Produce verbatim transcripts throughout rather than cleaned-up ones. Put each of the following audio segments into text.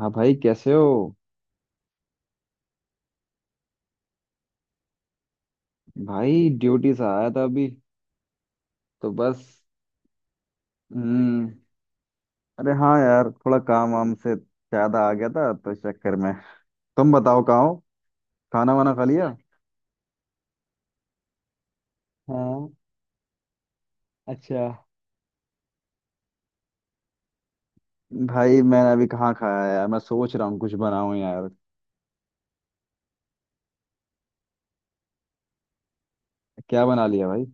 हाँ भाई, कैसे हो? भाई ड्यूटी से आया था अभी, तो बस। हम्म। अरे हाँ यार, थोड़ा काम वाम से ज्यादा आ गया था, तो इस चक्कर में। तुम बताओ कहाँ हो? खाना वाना खा लिया? हाँ। अच्छा। भाई मैंने अभी कहाँ खाया यार, मैं सोच रहा हूँ कुछ बनाऊं यार। क्या बना लिया भाई?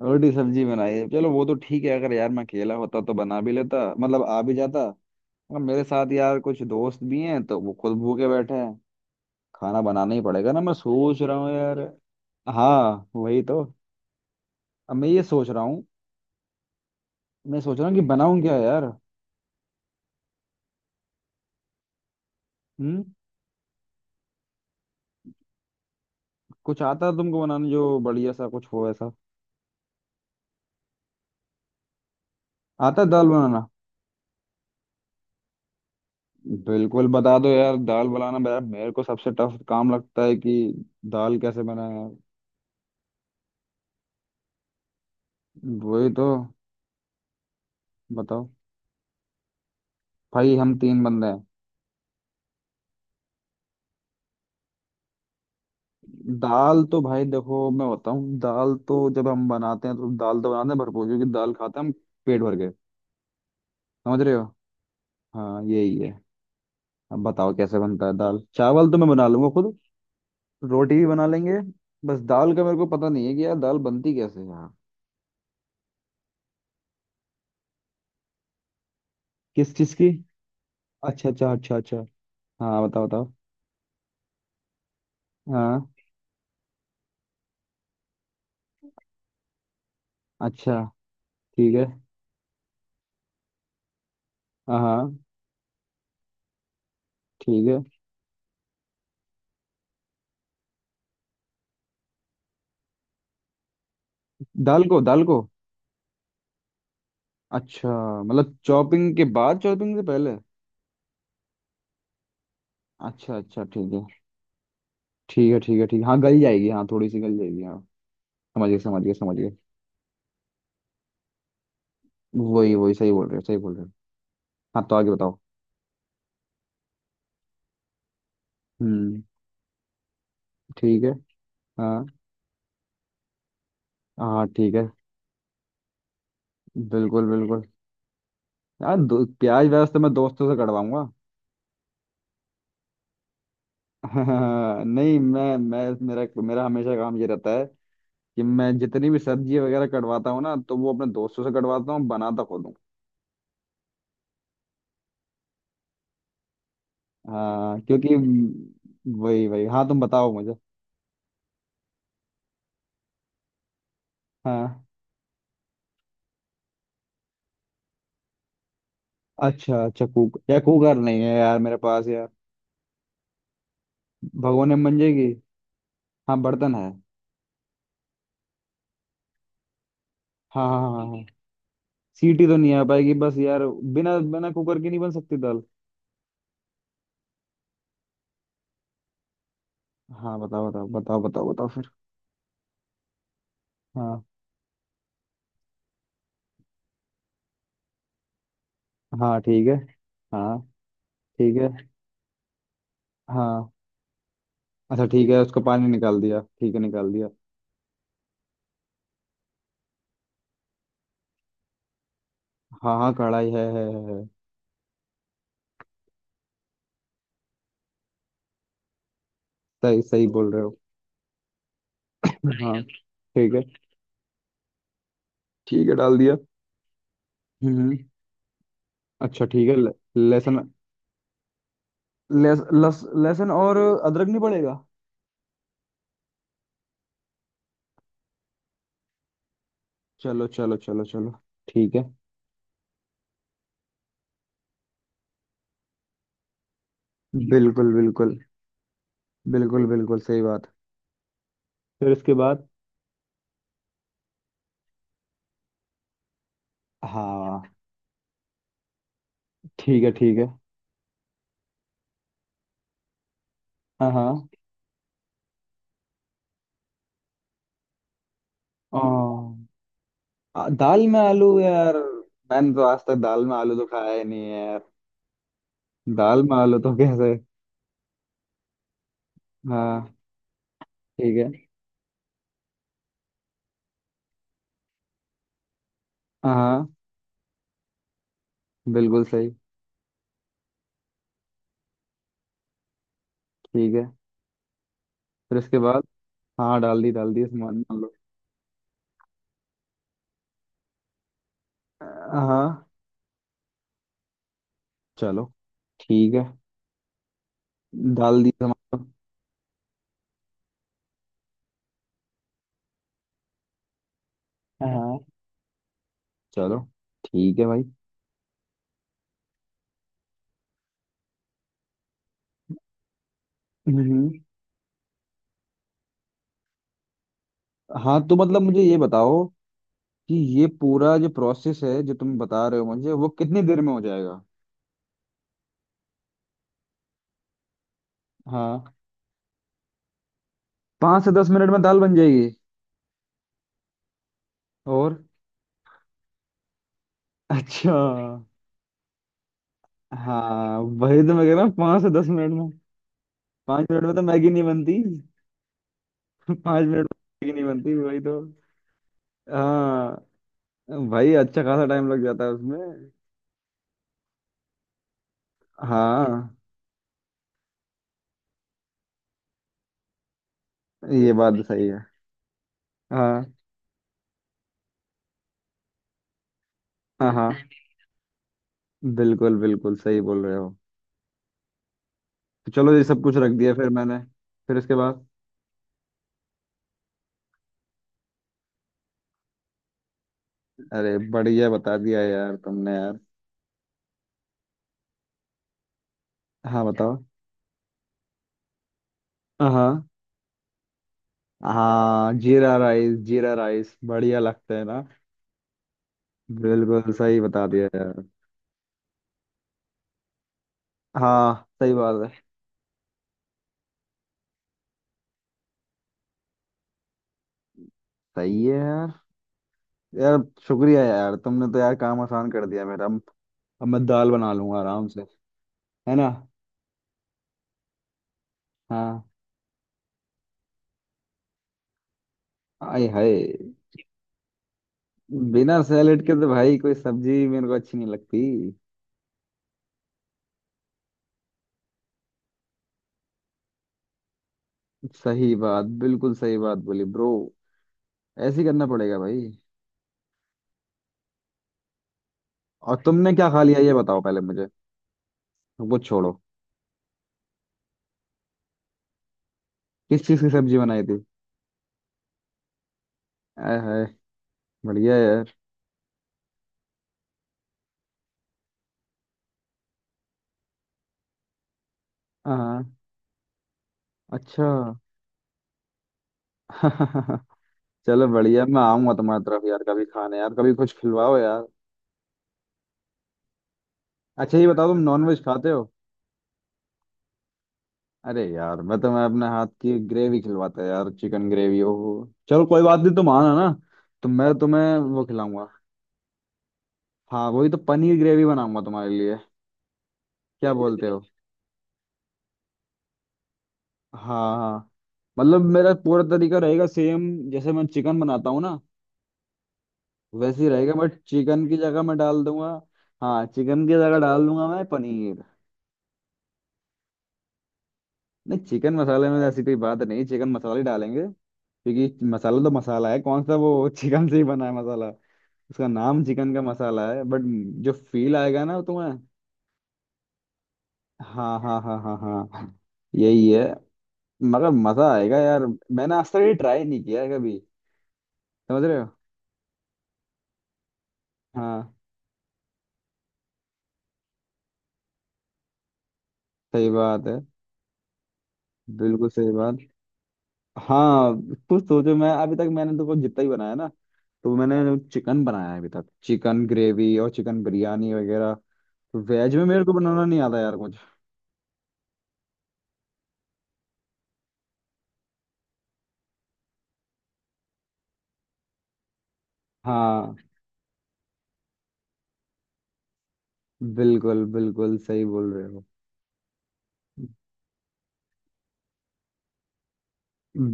रोटी सब्जी बनाई है, चलो वो तो ठीक है। अगर यार मैं अकेला होता तो बना भी लेता, मतलब आ भी जाता, मगर मेरे साथ यार कुछ दोस्त भी हैं तो वो खुद भूखे बैठे हैं। खाना बनाना ही पड़ेगा ना, मैं सोच रहा हूँ यार। हाँ वही तो। अब मैं ये सोच रहा हूँ। मैं सोच रहा हूँ कि बनाऊँ क्या यार। हम्म। कुछ आता है तुमको बनाने जो बढ़िया सा कुछ हो ऐसा? आता है दाल बनाना? बिल्कुल बता दो यार, दाल बनाना यार मेरे को सबसे टफ काम लगता है कि दाल कैसे बनाए यार। वही तो। बताओ, भाई हम तीन बंदे हैं। दाल तो भाई देखो मैं बताऊँ, दाल तो जब हम बनाते हैं तो दाल तो बनाते हैं भरपूर, क्योंकि दाल खाते हैं हम पेट भर के। समझ रहे हो? हाँ यही है। अब बताओ कैसे बनता है। दाल चावल तो मैं बना लूंगा खुद, रोटी भी बना लेंगे। बस दाल का मेरे को पता नहीं है कि यार दाल बनती कैसे है यहाँ। किस चीज की? अच्छा अच्छा अच्छा अच्छा। हाँ बताओ बताओ। हाँ। अच्छा ठीक है। हाँ हाँ, ठीक है। दाल को? दाल को अच्छा, मतलब चॉपिंग के बाद? चॉपिंग से पहले? अच्छा अच्छा ठीक है। ठीक है ठीक है ठीक है, हाँ गल जाएगी, हाँ थोड़ी सी गल जाएगी हाँ। समझ गए समझ गए समझ गए। वही वही, सही बोल रहे हो सही बोल रहे हो। हाँ तो आगे बताओ। हम्म। ठीक है। हाँ। हाँ ठीक है। बिल्कुल बिल्कुल। यार दो- प्याज व्याज तो मैं दोस्तों से कटवाऊंगा। हाँ, नहीं मैं मैं, मेरा मेरा हमेशा काम ये रहता है कि मैं जितनी भी सब्जी वगैरह कटवाता हूँ ना, तो वो अपने दोस्तों से कटवाता हूँ, बनाता खुद हूँ। हाँ क्योंकि वही वही, हाँ तुम बताओ मुझे। हाँ। अच्छा अच्छा, कुक या कुकर नहीं है यार मेरे पास यार। भगोने में बन जाएगी? हाँ बर्तन है। हाँ हाँ हाँ हाँ। सीटी तो नहीं आ पाएगी बस यार, बिना बिना कुकर के नहीं बन सकती दाल? हाँ बताओ बताओ बताओ बताओ बताओ फिर। हाँ। हाँ ठीक है। हाँ ठीक है। हाँ अच्छा ठीक है, उसको पानी निकाल दिया, ठीक है निकाल दिया। हाँ हाँ कढ़ाई है, है है है। सही सही बोल रहे हो। हाँ ठीक है। ठीक है डाल दिया। हम्म हम्म। अच्छा ठीक है, ल- लहसुन। लहस, लहस, लहसुन और अदरक नहीं पड़ेगा? चलो चलो चलो चलो। ठीक है। बिल्कुल बिल्कुल। बिल्कुल बिल्कुल सही बात। फिर इसके बाद? हाँ ठीक है ठीक है। हाँ हाँ। आ, दाल में आलू यार? मैंने तो आज तक दाल में आलू तो खाया ही नहीं है यार। दाल में आलू तो कैसे। हाँ। ठीक है। हाँ। बिल्कुल सही। ठीक है। फिर उसके बाद? हाँ डाल दी डाल दी, सामान मान लो। हाँ। चलो ठीक है। डाल दी सामान लो। हाँ। चलो ठीक है भाई। हम्म। हाँ तो मतलब मुझे ये बताओ कि ये पूरा जो प्रोसेस है जो तुम बता रहे हो मुझे, वो कितनी देर में हो जाएगा? हाँ। पाँच से दस मिनट में दाल बन जाएगी? और? अच्छा। हाँ वही तो मैं कह रहा हूँ, पाँच से दस मिनट में पाँच मिनट में तो मैगी नहीं बनती। पाँच मिनट में नहीं बनती, वही तो। हाँ भाई, अच्छा खासा टाइम लग जाता है उसमें। हाँ ये बात सही है। हाँ हाँ। हाँ बिल्कुल बिल्कुल सही बोल रहे हो। तो चलो ये सब कुछ रख दिया फिर मैंने, फिर उसके बाद? अरे बढ़िया बता दिया यार तुमने यार। हाँ बताओ। हाँ हाँ। हाँ, जीरा राइस! जीरा राइस बढ़िया लगता है ना। बिल्कुल सही बता दिया यार। हाँ सही बात है। सही है यार। यार शुक्रिया यार, तुमने तो यार काम आसान कर दिया मेरा। अब मैं दाल बना लूंगा आराम से। है ना? हाँ। आय हाय! बिना सैलेड के तो भाई कोई सब्जी मेरे को अच्छी नहीं लगती। सही बात, बिल्कुल सही बात बोली ब्रो। ऐसे ही करना पड़ेगा भाई। और तुमने क्या खा लिया ये बताओ पहले मुझे, वो छोड़ो। किस चीज़ की सब्जी बनाई थी? आय हाय, बढ़िया यार। हाँ। अच्छा। चलो बढ़िया, मैं आऊंगा तुम्हारी तरफ यार कभी खाने, यार कभी कुछ खिलवाओ यार। अच्छा ये बताओ, तुम नॉनवेज खाते हो? अरे यार, मैं तो मैं अपने हाथ की ग्रेवी खिलवाता यार, चिकन ग्रेवी ओ। चलो कोई बात नहीं, तुम आना ना, तो मैं तुम्हें वो खिलाऊंगा। हाँ वही तो, पनीर ग्रेवी बनाऊंगा तुम्हारे लिए। क्या बोलते हो? हाँ हाँ। मतलब मेरा पूरा तरीका रहेगा सेम, जैसे मैं चिकन बनाता हूँ ना वैसे ही रहेगा, बट चिकन की जगह मैं डाल दूंगा। हाँ चिकन की जगह डाल दूंगा मैं पनीर। नहीं चिकन मसाले में ऐसी कोई बात नहीं, चिकन मसाला ही डालेंगे। क्योंकि मसाला तो मसाला है, कौन सा वो चिकन से ही बना है मसाला। इसका नाम चिकन का मसाला है बट जो फील आएगा ना तुम्हें। हाँ हाँ हाँ हाँ हाँ, यही है। मगर मजा आएगा यार, मैंने आज तक ये ट्राई नहीं किया है कभी। समझ रहे हो? हाँ सही बात है, बिल्कुल सही बात। हाँ। कुछ सोचो, मैं अभी तक मैंने तो कुछ जितना ही बनाया ना, तो मैंने चिकन बनाया है अभी तक, चिकन ग्रेवी और चिकन बिरयानी वगैरह। वेज में मेरे को बनाना नहीं आता यार कुछ। हाँ बिल्कुल बिल्कुल सही बोल रहे हो।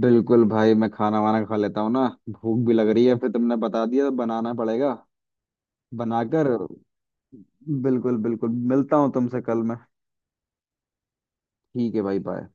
बिल्कुल भाई, मैं खाना वाना खा लेता हूँ ना, भूख भी लग रही है, फिर तुमने बता दिया तो बनाना पड़ेगा बनाकर। बिल्कुल बिल्कुल, मिलता हूँ तुमसे कल मैं। ठीक है भाई, बाय।